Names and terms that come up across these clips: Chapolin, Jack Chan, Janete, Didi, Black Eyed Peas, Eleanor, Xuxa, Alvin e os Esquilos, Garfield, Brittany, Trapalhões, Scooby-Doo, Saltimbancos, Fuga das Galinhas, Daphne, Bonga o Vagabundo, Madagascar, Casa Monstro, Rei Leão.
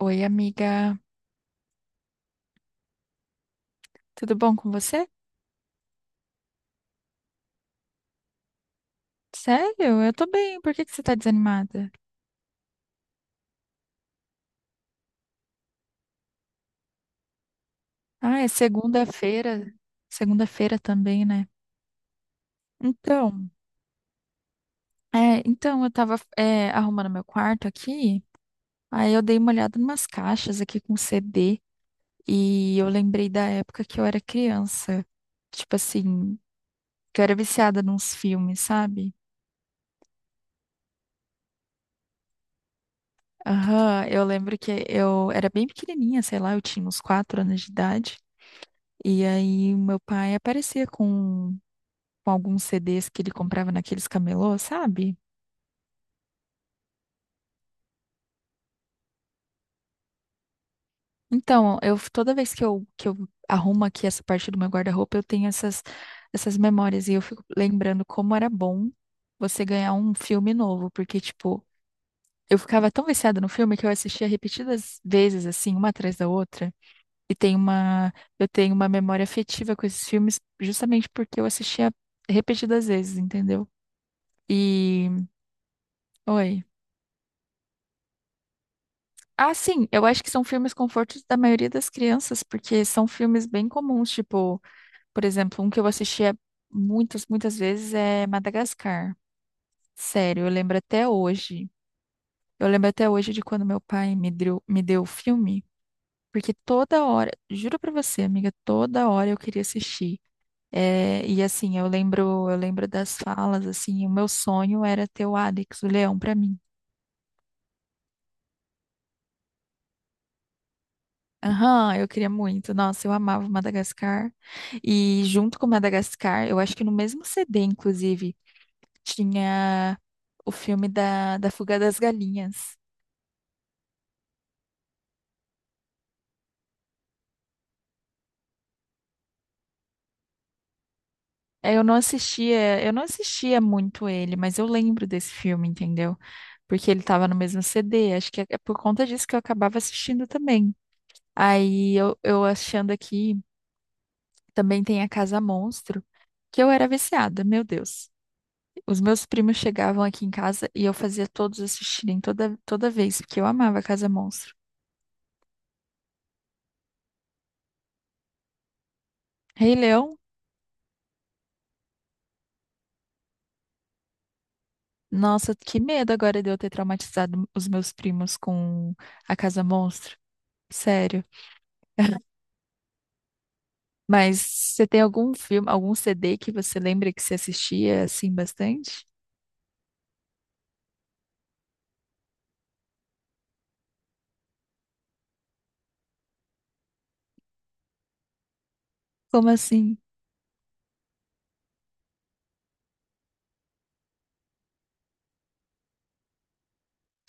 Oi, amiga. Tudo bom com você? Sério? Eu tô bem. Por que que você tá desanimada? Ah, é segunda-feira. Segunda-feira também, né? Então, então eu tava, arrumando meu quarto aqui. Aí eu dei uma olhada numas caixas aqui com CD e eu lembrei da época que eu era criança. Tipo assim, que eu era viciada nos filmes, sabe? Aham, eu lembro que eu era bem pequenininha, sei lá, eu tinha uns 4 anos de idade. E aí meu pai aparecia com alguns CDs que ele comprava naqueles camelô, sabe? Então, eu toda vez que eu arrumo aqui essa parte do meu guarda-roupa, eu tenho essas memórias e eu fico lembrando como era bom você ganhar um filme novo, porque, tipo, eu ficava tão viciada no filme que eu assistia repetidas vezes, assim, uma atrás da outra. E tem uma, eu tenho uma memória afetiva com esses filmes justamente porque eu assistia repetidas vezes, entendeu? E, oi. Ah, sim, eu acho que são filmes confortos da maioria das crianças, porque são filmes bem comuns, tipo, por exemplo, um que eu assistia muitas, muitas vezes é Madagascar. Sério, eu lembro até hoje. Eu lembro até hoje de quando meu pai me deu o filme, porque toda hora, juro pra você, amiga, toda hora eu queria assistir. É, e assim, eu lembro das falas, assim, o meu sonho era ter o Alex, o leão, pra mim. Aham, eu queria muito. Nossa, eu amava Madagascar. E junto com Madagascar, eu acho que no mesmo CD, inclusive, tinha o filme da Fuga das Galinhas. É, eu não assistia muito ele, mas eu lembro desse filme, entendeu? Porque ele tava no mesmo CD. Acho que é por conta disso que eu acabava assistindo também. Aí eu achando aqui, também tem a Casa Monstro, que eu era viciada, meu Deus. Os meus primos chegavam aqui em casa e eu fazia todos assistirem toda vez, porque eu amava Casa Monstro. Rei Leão, nossa, que medo agora de eu ter traumatizado os meus primos com a Casa Monstro. Sério. Mas você tem algum filme, algum CD que você lembra que você assistia assim bastante? Como assim?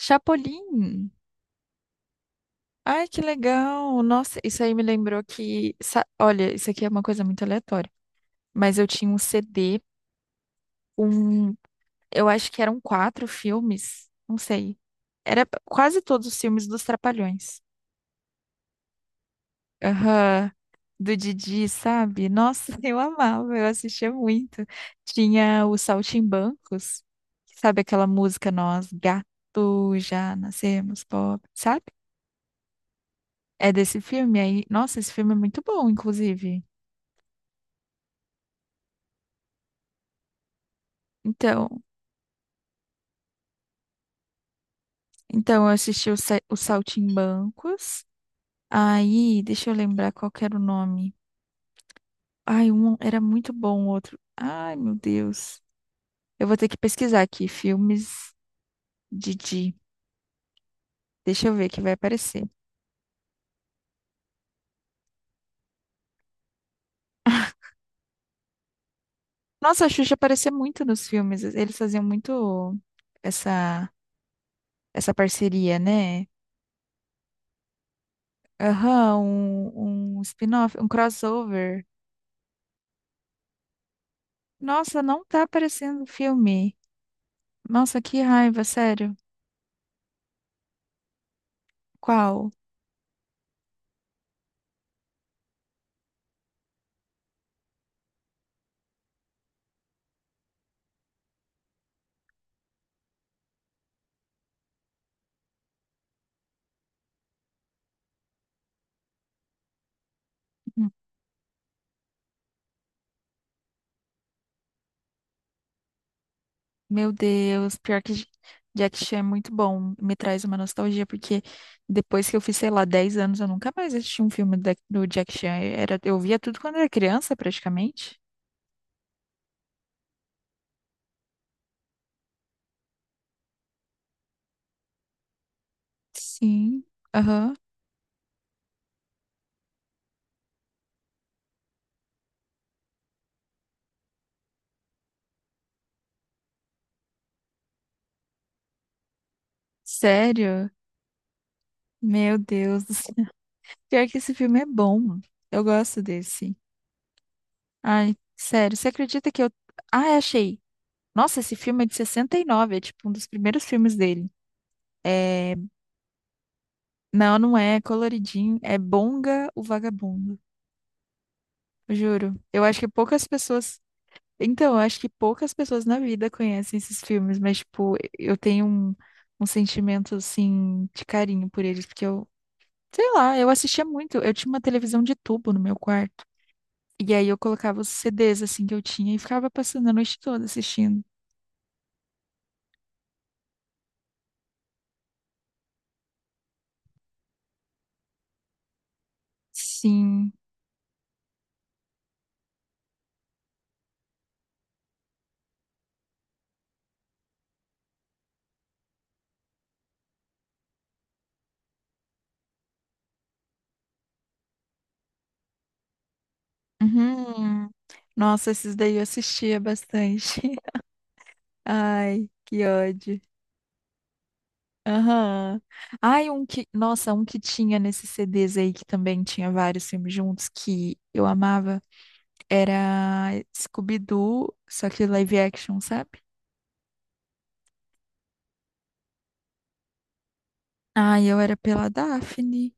Chapolin. Ai, que legal. Nossa, isso aí me lembrou que, olha, isso aqui é uma coisa muito aleatória, mas eu tinha um CD, eu acho que eram quatro filmes, não sei. Era quase todos os filmes dos Trapalhões. Aham. Do Didi, sabe? Nossa, eu amava, eu assistia muito. Tinha o Saltimbancos, sabe aquela música Nós, gato, já nascemos pobre, sabe? É desse filme aí. Nossa, esse filme é muito bom, inclusive. Então, então eu assisti o Saltimbancos. Aí, deixa eu lembrar qual que era o nome. Ai, um era muito bom, o outro. Ai, meu Deus. Eu vou ter que pesquisar aqui, filmes Didi. Deixa eu ver que vai aparecer. Nossa, a Xuxa aparecia muito nos filmes. Eles faziam muito essa, essa parceria, né? Aham, um spin-off, um crossover. Nossa, não tá aparecendo o filme. Nossa, que raiva, sério. Qual? Meu Deus, pior que Jack Chan é muito bom, me traz uma nostalgia, porque depois que eu fiz, sei lá, 10 anos, eu nunca mais assisti um filme do Jack Chan. Era, eu via tudo quando era criança, praticamente. Sim, aham. Sério? Meu Deus do céu. Pior que esse filme é bom. Eu gosto desse. Ai, sério, você acredita que eu. Ah, é, achei. Nossa, esse filme é de 69, é tipo um dos primeiros filmes dele. É. Não, não é coloridinho, é Bonga o Vagabundo. Juro. Eu acho que poucas pessoas. Então, eu acho que poucas pessoas na vida conhecem esses filmes, mas, tipo, eu tenho um sentimento, assim, de carinho por eles, porque eu, sei lá, eu assistia muito. Eu tinha uma televisão de tubo no meu quarto. E aí eu colocava os CDs, assim, que eu tinha e ficava passando a noite toda assistindo. Sim. Uhum. Nossa, esses daí eu assistia bastante. Ai, que ódio. Aham. Ai, um que. Nossa, um que tinha nesses CDs aí que também tinha vários filmes juntos que eu amava. Era Scooby-Doo, só que live action, sabe? Ai, eu era pela Daphne.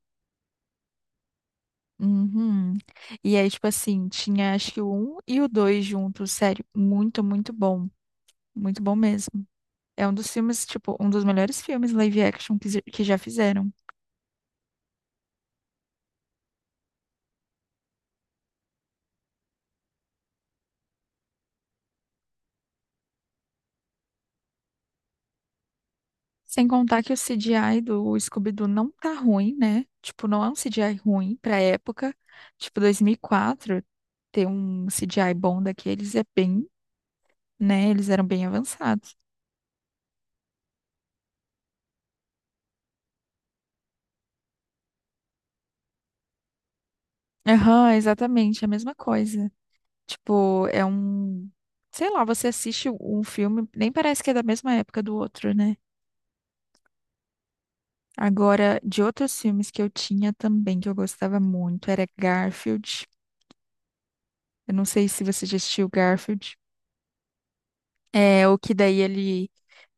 Uhum. E aí, tipo assim, tinha acho que o um e o dois juntos, sério. Muito, muito bom. Muito bom mesmo. É um dos filmes, tipo, um dos melhores filmes live action que já fizeram. Sem contar que o CGI do Scooby-Doo não tá ruim, né? Tipo, não é um CGI ruim pra época. Tipo, 2004, ter um CGI bom daqueles é bem, né? Eles eram bem avançados. Aham, exatamente, a mesma coisa. Tipo, é um. Sei lá, você assiste um filme, nem parece que é da mesma época do outro, né? Agora, de outros filmes que eu tinha também, que eu gostava muito, era Garfield. Eu não sei se você já assistiu Garfield. É, o que daí ele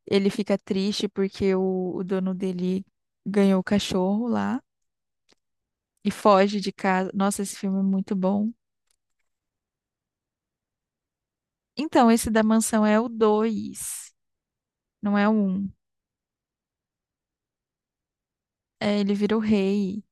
Ele fica triste porque o dono dele ganhou o cachorro lá e foge de casa. Nossa, esse filme é muito bom. Então, esse da mansão é o 2, não é o um. É, ele vira o rei.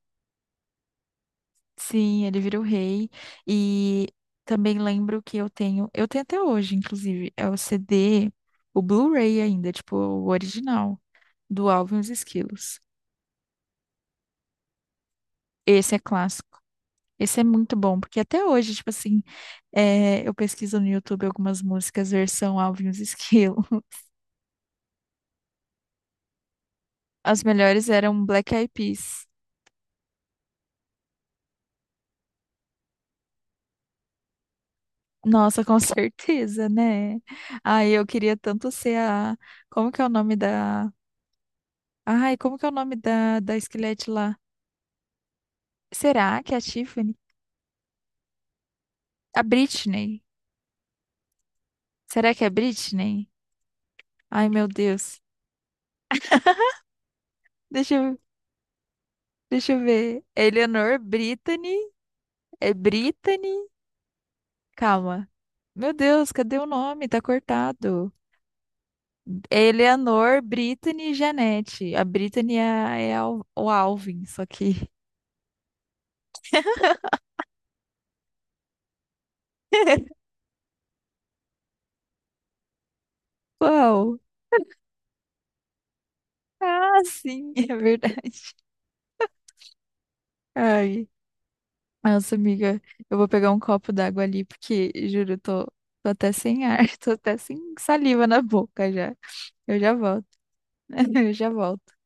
Sim, ele vira o rei. E também lembro que eu tenho até hoje, inclusive, é o CD, o Blu-ray ainda, tipo, o original do Alvin e os Esquilos. Esse é clássico. Esse é muito bom, porque até hoje, tipo assim, é, eu pesquiso no YouTube algumas músicas versão Alvin e os Esquilos. As melhores eram Black Eyed Peas. Nossa, com certeza, né? Ai, eu queria tanto ser a. Como que é o nome da. Ai, como que é o nome da esquelete lá? Será que é a Tiffany? A Britney. Será que é a Britney? Ai, meu Deus. Deixa eu, deixa eu ver. Eleanor Britney? É Britney? Calma. Meu Deus, cadê o nome? Tá cortado. Eleanor, Brittany e Janete. A Brittany é o Alvin, só que. Uau! Ah, sim, é verdade. Ai, nossa, amiga, eu vou pegar um copo d'água ali, porque, juro, eu tô até sem ar, tô até sem saliva na boca já. Eu já volto. Eu já volto.